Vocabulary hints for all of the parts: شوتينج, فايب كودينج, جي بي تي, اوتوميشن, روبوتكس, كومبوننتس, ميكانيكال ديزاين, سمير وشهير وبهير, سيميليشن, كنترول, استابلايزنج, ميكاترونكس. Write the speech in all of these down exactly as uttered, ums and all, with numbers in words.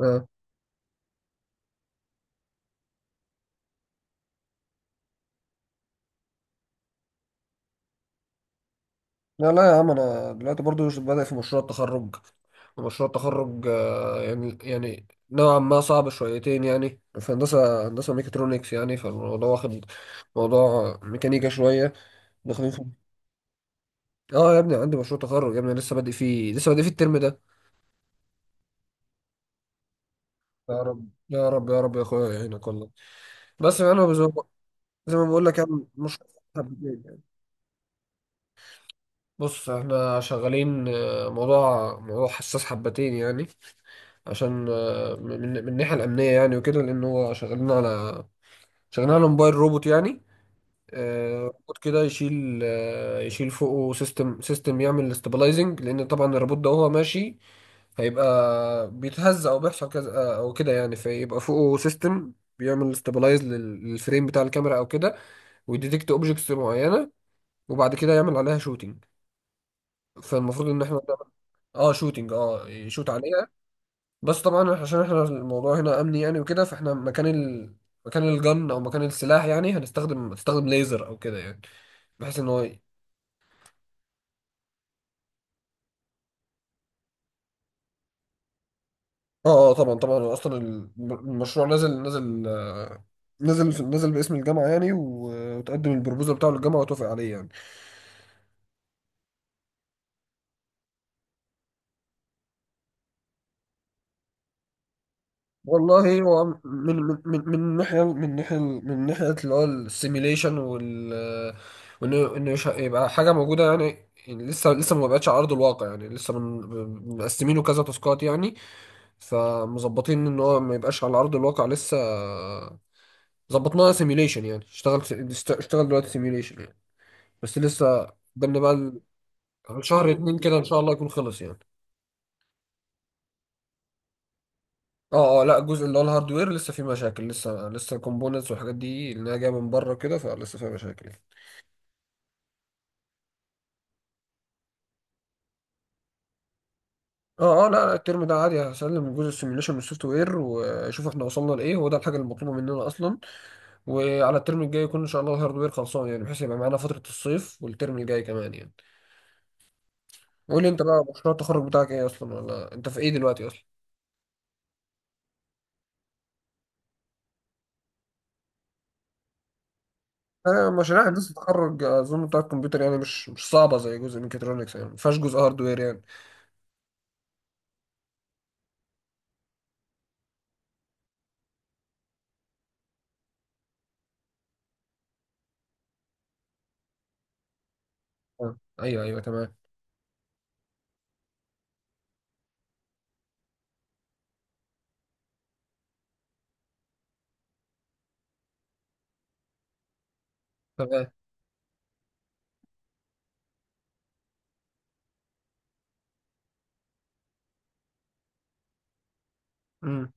آه. لا لا يا عم انا دلوقتي برضو بدأ في مشروع التخرج. ومشروع التخرج آه، يعني يعني نوعا ما صعب شويتين يعني، في هندسة هندسة ميكاترونكس يعني، فالموضوع واخد موضوع ميكانيكا شوية، داخلين في. اه يا ابني، عندي مشروع تخرج يا ابني، لسه بادئ فيه لسه بادئ فيه الترم ده. يا رب يا رب يا رب يا اخويا يعينك والله. بس انا زي ما زي ما بقول لك يعني، مش حبتين يعني. بص احنا شغالين آه، موضوع موضوع حساس حبتين يعني، عشان آه، من من من الناحيه الامنيه يعني وكده، لان هو شغالين على شغالين على موبايل روبوت يعني. آه، روبوت كده يشيل آه، يشيل فوقه سيستم سيستم يعمل استابلايزنج، لان طبعا الروبوت ده وهو ماشي هيبقى بيتهز او بيحصل كذا، آه، او كده يعني، فيبقى فوقه سيستم بيعمل استابلايز للفريم بتاع الكاميرا او كده، ويديتكت اوبجكتس معينه، وبعد كده يعمل عليها شوتينج. فالمفروض ان احنا. اه شوتينج، اه يشوت عليها. بس طبعا إحنا- عشان احنا الموضوع هنا امني يعني وكده، فاحنا مكان ال... مكان الجن او مكان السلاح، يعني هنستخدم هنستخدم ليزر او كده يعني، بحيث ان هو ي- اه اه طبعا طبعا، هو اصلا الم- المشروع نزل نزل آه، نزل نزل باسم الجامعه يعني، و- وتقدم البروبوزال بتاعه للجامعه وتوافق عليه يعني. والله هو من من من من ناحية من ناحية من ناحية اللي هو السيميليشن وال. وإن إن مش ه- يبقى حاجة موجودة يعني، يعني لسه لسه ما بقتش على أرض الواقع يعني، لسه من مقسمينه كذا تاسكات يعني. فمظبطين إن هو ما يبقاش على أرض الواقع لسه، ظبطناها سيميليشن يعني، اشتغل است- اشتغل دلوقتي سيميليشن يعني. بس لسه قدامنا بقى ال- شهر اتنين كده، إن شاء الله يكون خلص يعني. اه اه لا، الجزء اللي هو الهاردوير لسه فيه مشاكل، لسه لسه الكومبوننتس والحاجات دي اللي هي جايه من بره كده، فلسه فيها مشاكل يعني. اه اه لا لا، الترم ده عادي هسلم جزء السيميوليشن من السوفت وير، واشوف احنا وصلنا لايه، هو ده الحاجه المطلوبه مننا اصلا. وعلى الترم الجاي يكون ان شاء الله الهاردوير خلصان يعني، بحيث يبقى معانا فتره الصيف والترم الجاي كمان يعني. قول لي انت بقى، مشروع التخرج بتاعك ايه اصلا، ولا انت في ايه دلوقتي اصلا؟ انا مشاريع هندسه التخرج اظن بتاع الكمبيوتر يعني، مش مش صعبه زي جزء ميكاترونكس يعني، ما فيهاش جزء هاردوير يعني. آه، ايوه ايوه تمام. تمام. امم.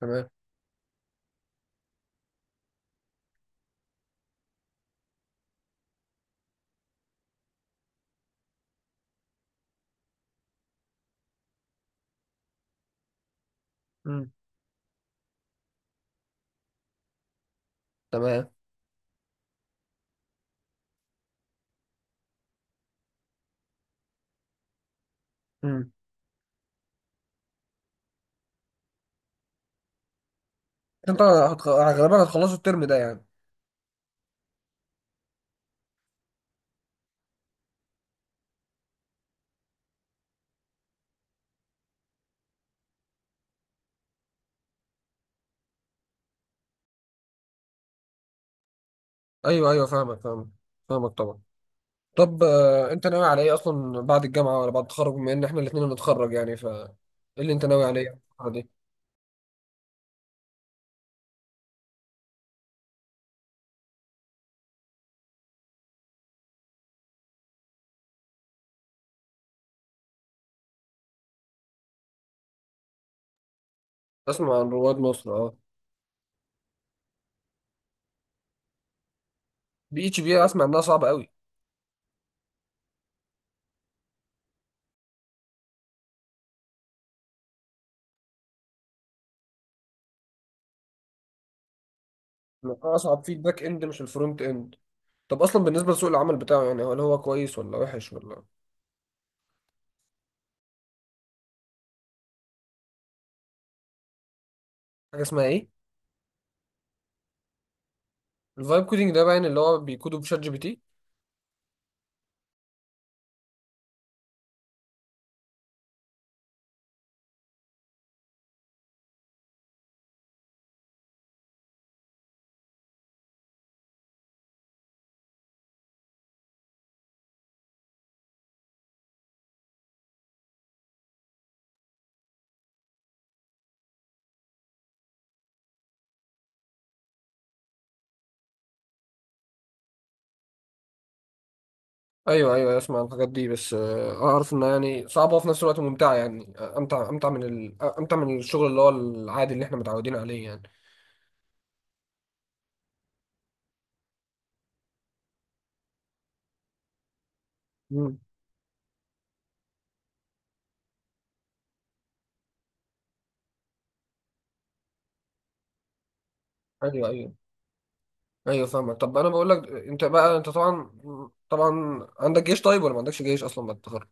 تمام. مم. تمام. مم. انت هتخ... غالبا هتخلصوا الترم ده يعني. ايوه ايوه، فاهمك فاهمك، فاهمك طبعا. طب آه، انت ناوي على ايه اصلا بعد الجامعه ولا بعد التخرج؟ بما ان احنا الاثنين هنتخرج يعني، ف ايه اللي انت ناوي عليه الفتره دي؟ اسمع عن رواد مصر، اه. بي اتش بي، اسمع انها صعبه قوي. اصعب في الباك اند مش الفرونت اند؟ طب اصلا بالنسبه لسوق العمل بتاعه يعني، هل هو كويس ولا وحش ولا؟ حاجه اسمها ايه؟ الفايب كودينج ده باين اللي هو بيكودوا بشات جي بي تي. ايوه ايوه أيوة، اسمع عن الحاجات دي، بس آه، اعرف انها يعني صعبه وفي نفس الوقت ممتعه يعني، امتع امتع من ال... امتع من الشغل اللي هو العادي اللي احنا متعودين عليه يعني. مم. ايوه ايوه. ايوه فاهمك. طب انا بقول لك، انت بقى انت طبعا طبعا عندك جيش طيب ولا ما عندكش جيش اصلا بعد التخرج؟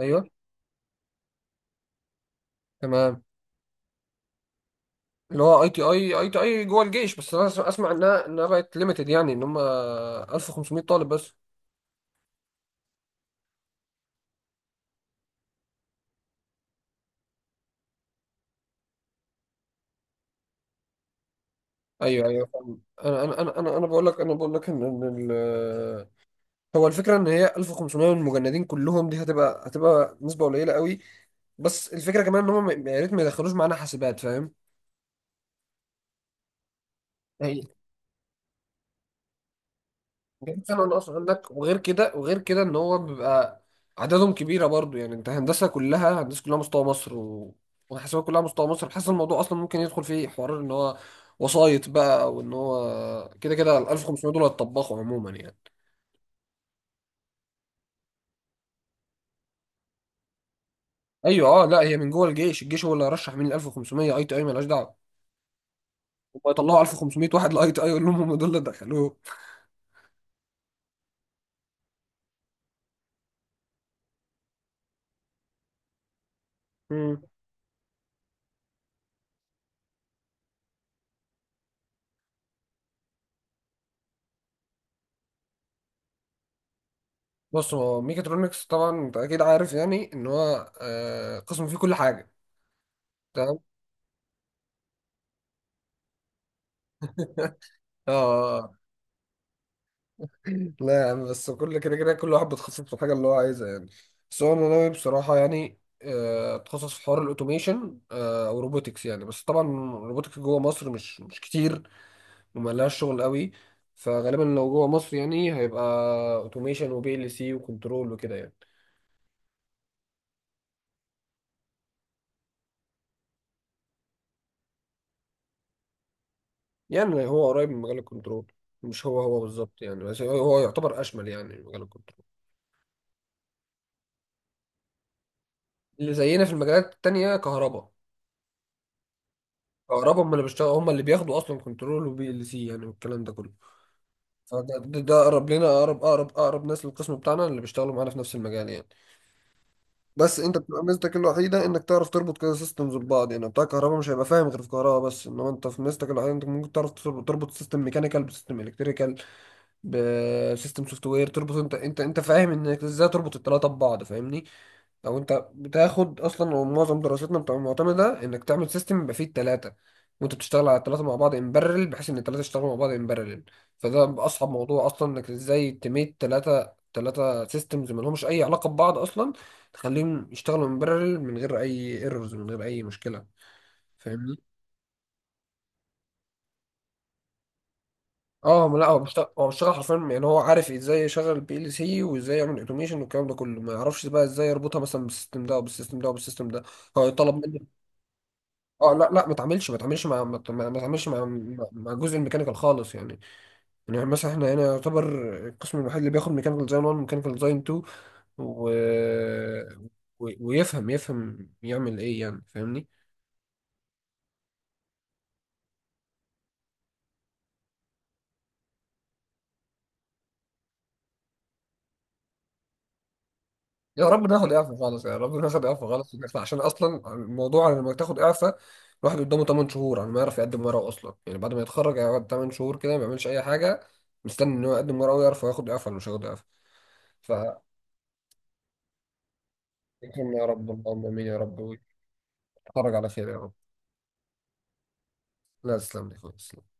ايوه. تمام. اللي هو اي تي اي اي تي اي جوه الجيش، بس انا أس- اسمع انها انها بقت ليميتد يعني، ان هم ألف وخمسمية طالب بس. ايوه ايوه فاهم. انا انا انا انا أنا بقول لك، انا بقول لك ان هو الفكرة ان هي ألف وخمسمائة من المجندين كلهم دي، هتبقى هتبقى نسبة قليلة قوي. بس الفكرة كمان ان هم م- يا ريت ما يدخلوش معانا حاسبات، فاهم؟ هي- جايب سنة ناقص عندك، وغير كده وغير كده ان هو بيبقى عددهم كبيرة برضو يعني، انت هندسة كلها، هندسة كلها مستوى مصر، و... وحاسبات كلها مستوى مصر. بحس الموضوع اصلا ممكن يدخل فيه حوار ان هو وسايط بقى، وان هو كده كده ال ألف وخمسمية دول هيتطبخوا عموما يعني. ايوه. اه لا، هي من جوه الجيش، الجيش هو اللي هيرشح مين ال ألف وخمسمية، اي تي اي مالهاش دعوة. هم يطلعوا ألف وخمسمائة واحد لاي تي اي، يقول لهم هم دول اللي دخلوه. مم. بص، هو ميكاترونكس طبعا انت اكيد عارف يعني ان هو آه، قسم فيه كل حاجه. تمام. اه لا يا عم، بس كل كده كده كل واحد بيتخصص في الحاجه اللي هو عايزها يعني. بس هو انا ناوي بصراحه يعني، آه، اتخصص في حوار الاوتوميشن، آه، او روبوتكس يعني. بس طبعا الروبوتكس جوه مصر مش مش كتير وملهاش شغل قوي. فغالبا لو جوه مصر يعني هيبقى اوتوميشن وبي ال سي وكنترول وكده يعني. يعني هو قريب من مجال الكنترول، مش هو هو بالظبط يعني، بس هو هو يعتبر اشمل يعني مجال الكنترول. اللي زينا في المجالات التانية كهرباء. كهرباء هم اللي بيشتغلوا، هم اللي بياخدوا اصلا كنترول وبي ال سي يعني، والكلام ده كله. فده ده ده اقرب لنا، اقرب اقرب اقرب ناس للقسم بتاعنا، اللي بيشتغلوا معانا في نفس المجال يعني. بس انت بتبقى ميزتك الوحيده انك تعرف تربط كده سيستمز ببعض يعني. بتاع كهرباء مش هيبقى فاهم غير في كهرباء بس، انما انت في ميزتك الوحيده، انت ممكن تعرف تربط سيستم ميكانيكال بسيستم الكتريكال بسيستم سوفت وير، تربط. انت انت انت فاهم انك ازاي تربط الثلاثه ببعض، فاهمني؟ او انت بتاخد اصلا، ومعظم دراستنا بتبقى معتمده انك تعمل سيستم يبقى فيه الثلاثه، وانت بتشتغل على الثلاثه مع بعض ان بارلل، بحيث ان الثلاثه يشتغلوا مع بعض ان بارلل. فده اصعب موضوع اصلا، انك ازاي تميت ثلاثه، ثلاثه سيستمز ما لهمش اي علاقه ببعض اصلا، تخليهم يشتغلوا ان بارلل من غير اي ايرورز من غير اي مشكله، فاهمني؟ اه ما لا، هو بيشتغل هو بيشتغل حرفيا يعني، هو عارف ازاي يشغل البي ال سي وازاي يعمل اوتوميشن والكلام ده كله، ما يعرفش بقى ازاي يربطها مثلا بالسيستم ده او بالسيستم ده او بالسيستم ده. هو يطلب منه. اه لا لا، ما تعملش ما تعملش مع ما تعملش مع مع مع جزء الميكانيكال خالص يعني. يعني مثلا احنا هنا يعتبر القسم الوحيد اللي بياخد ميكانيكال ديزاين واحد ميكانيكال ديزاين اتنين، و... و... ويفهم يفهم يعمل ايه يعني، فاهمني؟ يا رب ناخد إعفاء خالص، يا رب ناخد إعفاء خالص ونطلع، عشان أصلا الموضوع على لما تاخد إعفاء الواحد قدامه ثمانية شهور على ما يعرف يقدم ورقه أصلا يعني. بعد ما يتخرج هيقعد تمن شهور كده ما بيعملش أي حاجة، مستني إن هو يقدم ورقه ويعرف هو ياخد إعفاء ولا مش هياخد إعفاء، فاكرم. يا رب، اللهم آمين يا رب، ويتخرج على خير يا رب. لا تسلم لي خالص.